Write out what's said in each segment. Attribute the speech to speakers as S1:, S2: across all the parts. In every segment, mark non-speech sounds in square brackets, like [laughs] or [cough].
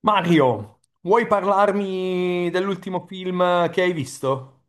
S1: Mario, vuoi parlarmi dell'ultimo film che hai visto?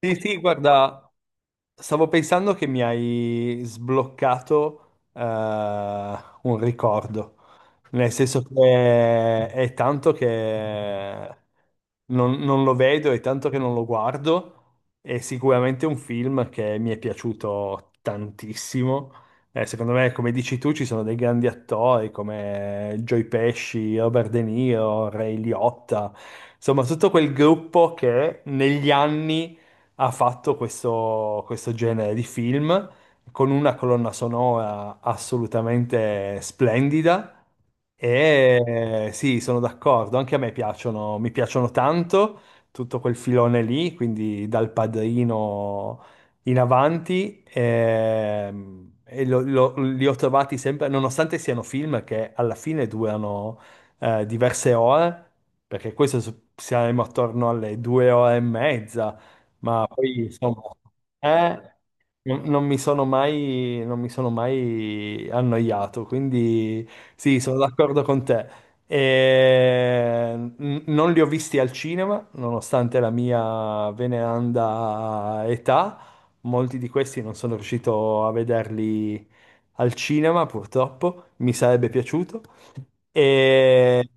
S1: Sì, sì, guarda. Stavo pensando che mi hai sbloccato eh, un ricordo, nel senso che è tanto che non lo vedo, è tanto che non lo guardo, è sicuramente un film che mi è piaciuto tantissimo. Secondo me, come dici tu, ci sono dei grandi attori come Joe Pesci, Robert De Niro, Ray Liotta, insomma tutto quel gruppo che negli anni ha fatto questo genere di film con una colonna sonora assolutamente splendida. E sì, sono d'accordo, anche a me piacciono, mi piacciono tanto tutto quel filone lì, quindi dal Padrino in avanti, e, li ho trovati sempre, nonostante siano film che alla fine durano diverse ore, perché questo siamo attorno alle due ore e mezza, ma poi insomma, eh, non mi sono mai, non mi sono mai annoiato, quindi sì, sono d'accordo con te. E, non li ho visti al cinema, nonostante la mia veneranda età, molti di questi non sono riuscito a vederli al cinema, purtroppo, mi sarebbe piaciuto. E...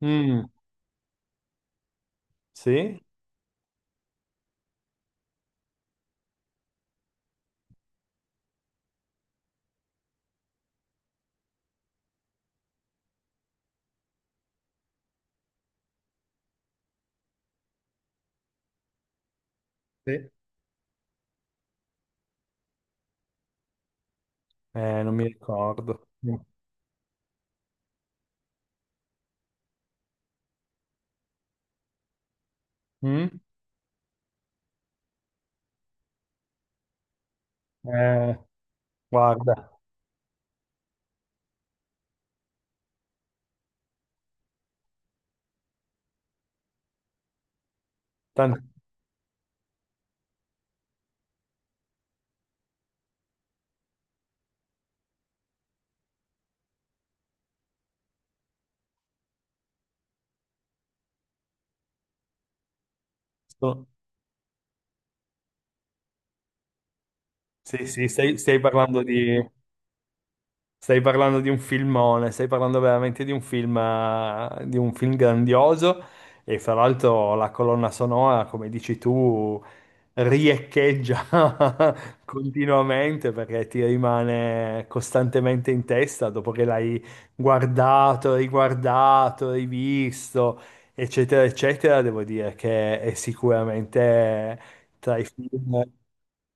S1: mm, sì? Sì. Non mi ricordo. Mm? Mm. Eh, Guarda. tan- sto- sì, sì, stai parlando di, stai parlando di un filmone, stai parlando veramente di un film grandioso e fra l'altro la colonna sonora, come dici tu, riecheggia [laughs] continuamente perché ti rimane costantemente in testa dopo che l'hai guardato, riguardato, rivisto, eccetera, eccetera. Devo dire che è sicuramente tra i film.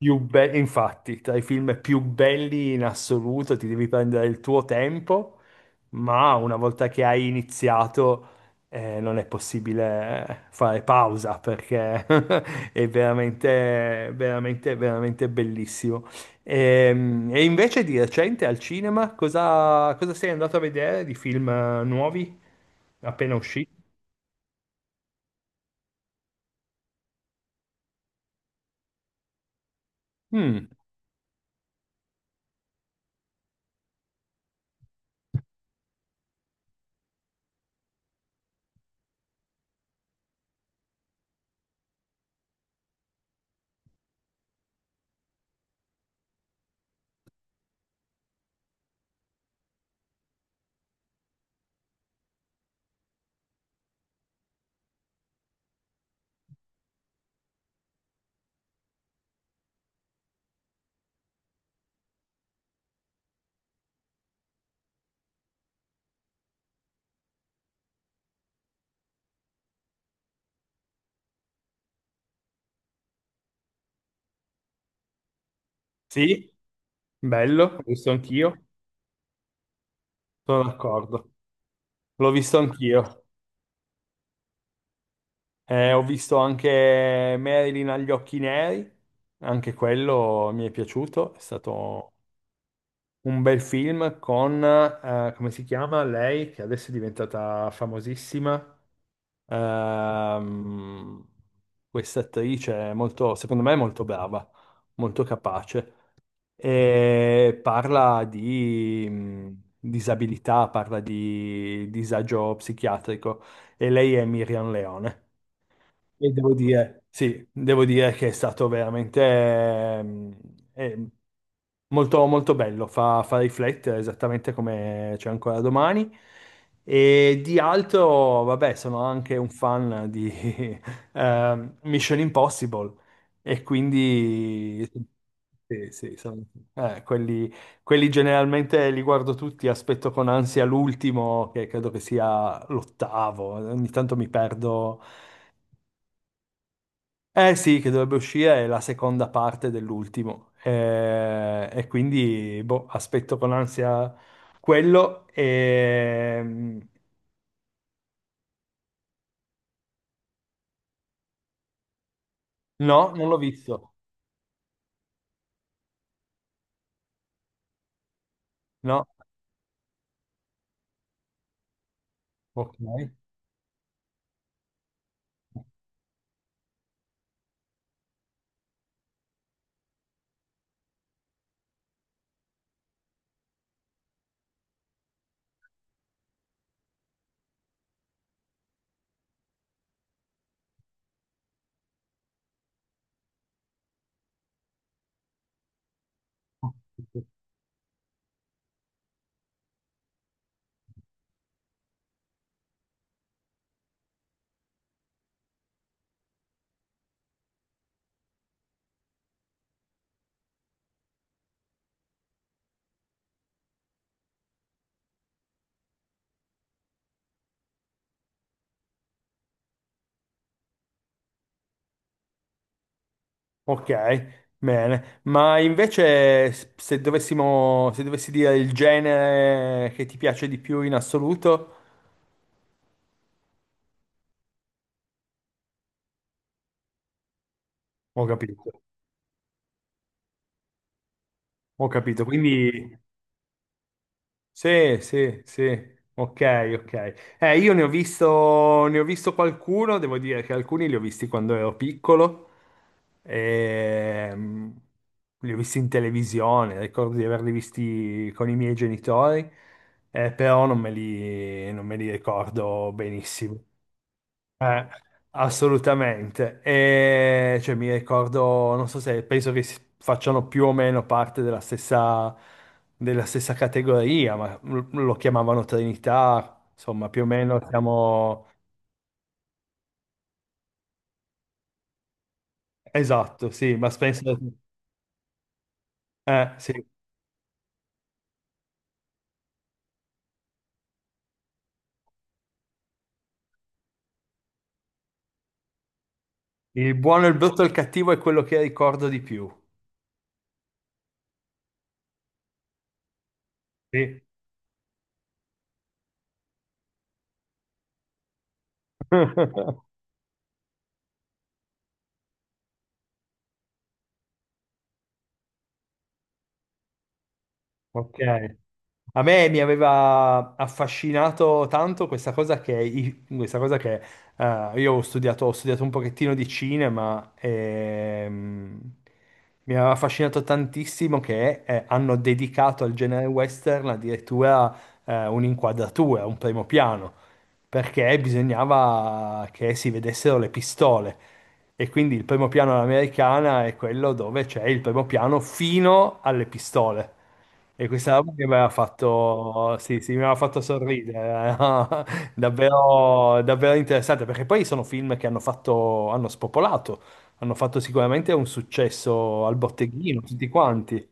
S1: Più infatti, tra i film più belli in assoluto, ti devi prendere il tuo tempo, ma una volta che hai iniziato, non è possibile fare pausa perché [laughs] è veramente, veramente, veramente bellissimo. E, invece di recente al cinema, cosa sei andato a vedere di film nuovi appena usciti? Mm, sì, bello, l'ho visto anch'io, sono d'accordo, l'ho visto anch'io. Ho visto anche Marilyn agli occhi neri, anche quello mi è piaciuto, è stato un bel film con, come si chiama lei, che adesso è diventata famosissima. Ehm, Questa attrice è molto, secondo me è molto brava, molto capace, e parla di disabilità, parla di disagio psichiatrico e lei è Miriam Leone. E devo dire, sì, devo dire che è stato veramente eh, molto, molto bello, fa, fa riflettere esattamente come c'è ancora domani. E di altro, vabbè, sono anche un fan di [laughs] Mission Impossible e quindi sì, sì, quelli, quelli generalmente li guardo tutti, aspetto con ansia l'ultimo, che credo che sia l'ottavo, ogni tanto mi perdo. Eh sì, che dovrebbe uscire è la seconda parte dell'ultimo. E quindi boh, aspetto con ansia quello. E... mm, no, non l'ho visto. No. Ok. Ok, bene. Ma invece se dovessimo, se dovessi dire il genere che ti piace di più in assoluto, ho capito. Ho capito. Quindi sì, sì, sì, ok, ok. Io ne ho visto qualcuno, devo dire che alcuni li ho visti quando ero piccolo, ehm, li ho visti in televisione, ricordo di averli visti con i miei genitori, però non me li ricordo benissimo. Eh, assolutamente. E, cioè, mi ricordo, non so se penso che facciano più o meno parte della stessa categoria, ma lo chiamavano Trinità, insomma, più o meno siamo... Esatto, sì, ma penso... sì. Il buono, il brutto e il cattivo è quello che ricordo di più. Sì. [laughs] Ok. A me mi aveva affascinato tanto questa cosa che, questa cosa che io ho studiato un pochettino di cinema e mi aveva affascinato tantissimo che hanno dedicato al genere western addirittura un'inquadratura, un primo piano, perché bisognava che si vedessero le pistole. E quindi il primo piano all'americana è quello dove c'è il primo piano fino alle pistole. E questa roba che mi aveva fatto, sì, sì, mi aveva fatto sorridere, [laughs] no? Davvero, davvero interessante, perché poi sono film che hanno fatto, hanno spopolato, hanno fatto sicuramente un successo al botteghino, tutti quanti.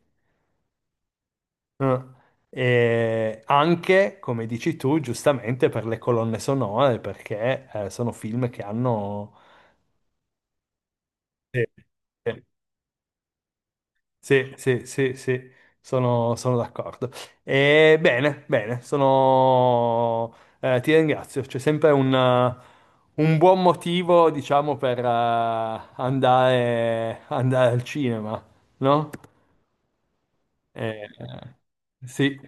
S1: Eh. E anche, come dici tu, giustamente per le colonne sonore, perché sono film che hanno... Sì. Sì. Sì, sì, sì, sì, sono, sono d'accordo. E bene, bene, sono... ti ringrazio. C'è sempre un buon motivo, diciamo, per andare, andare al cinema, no? Eh, sì,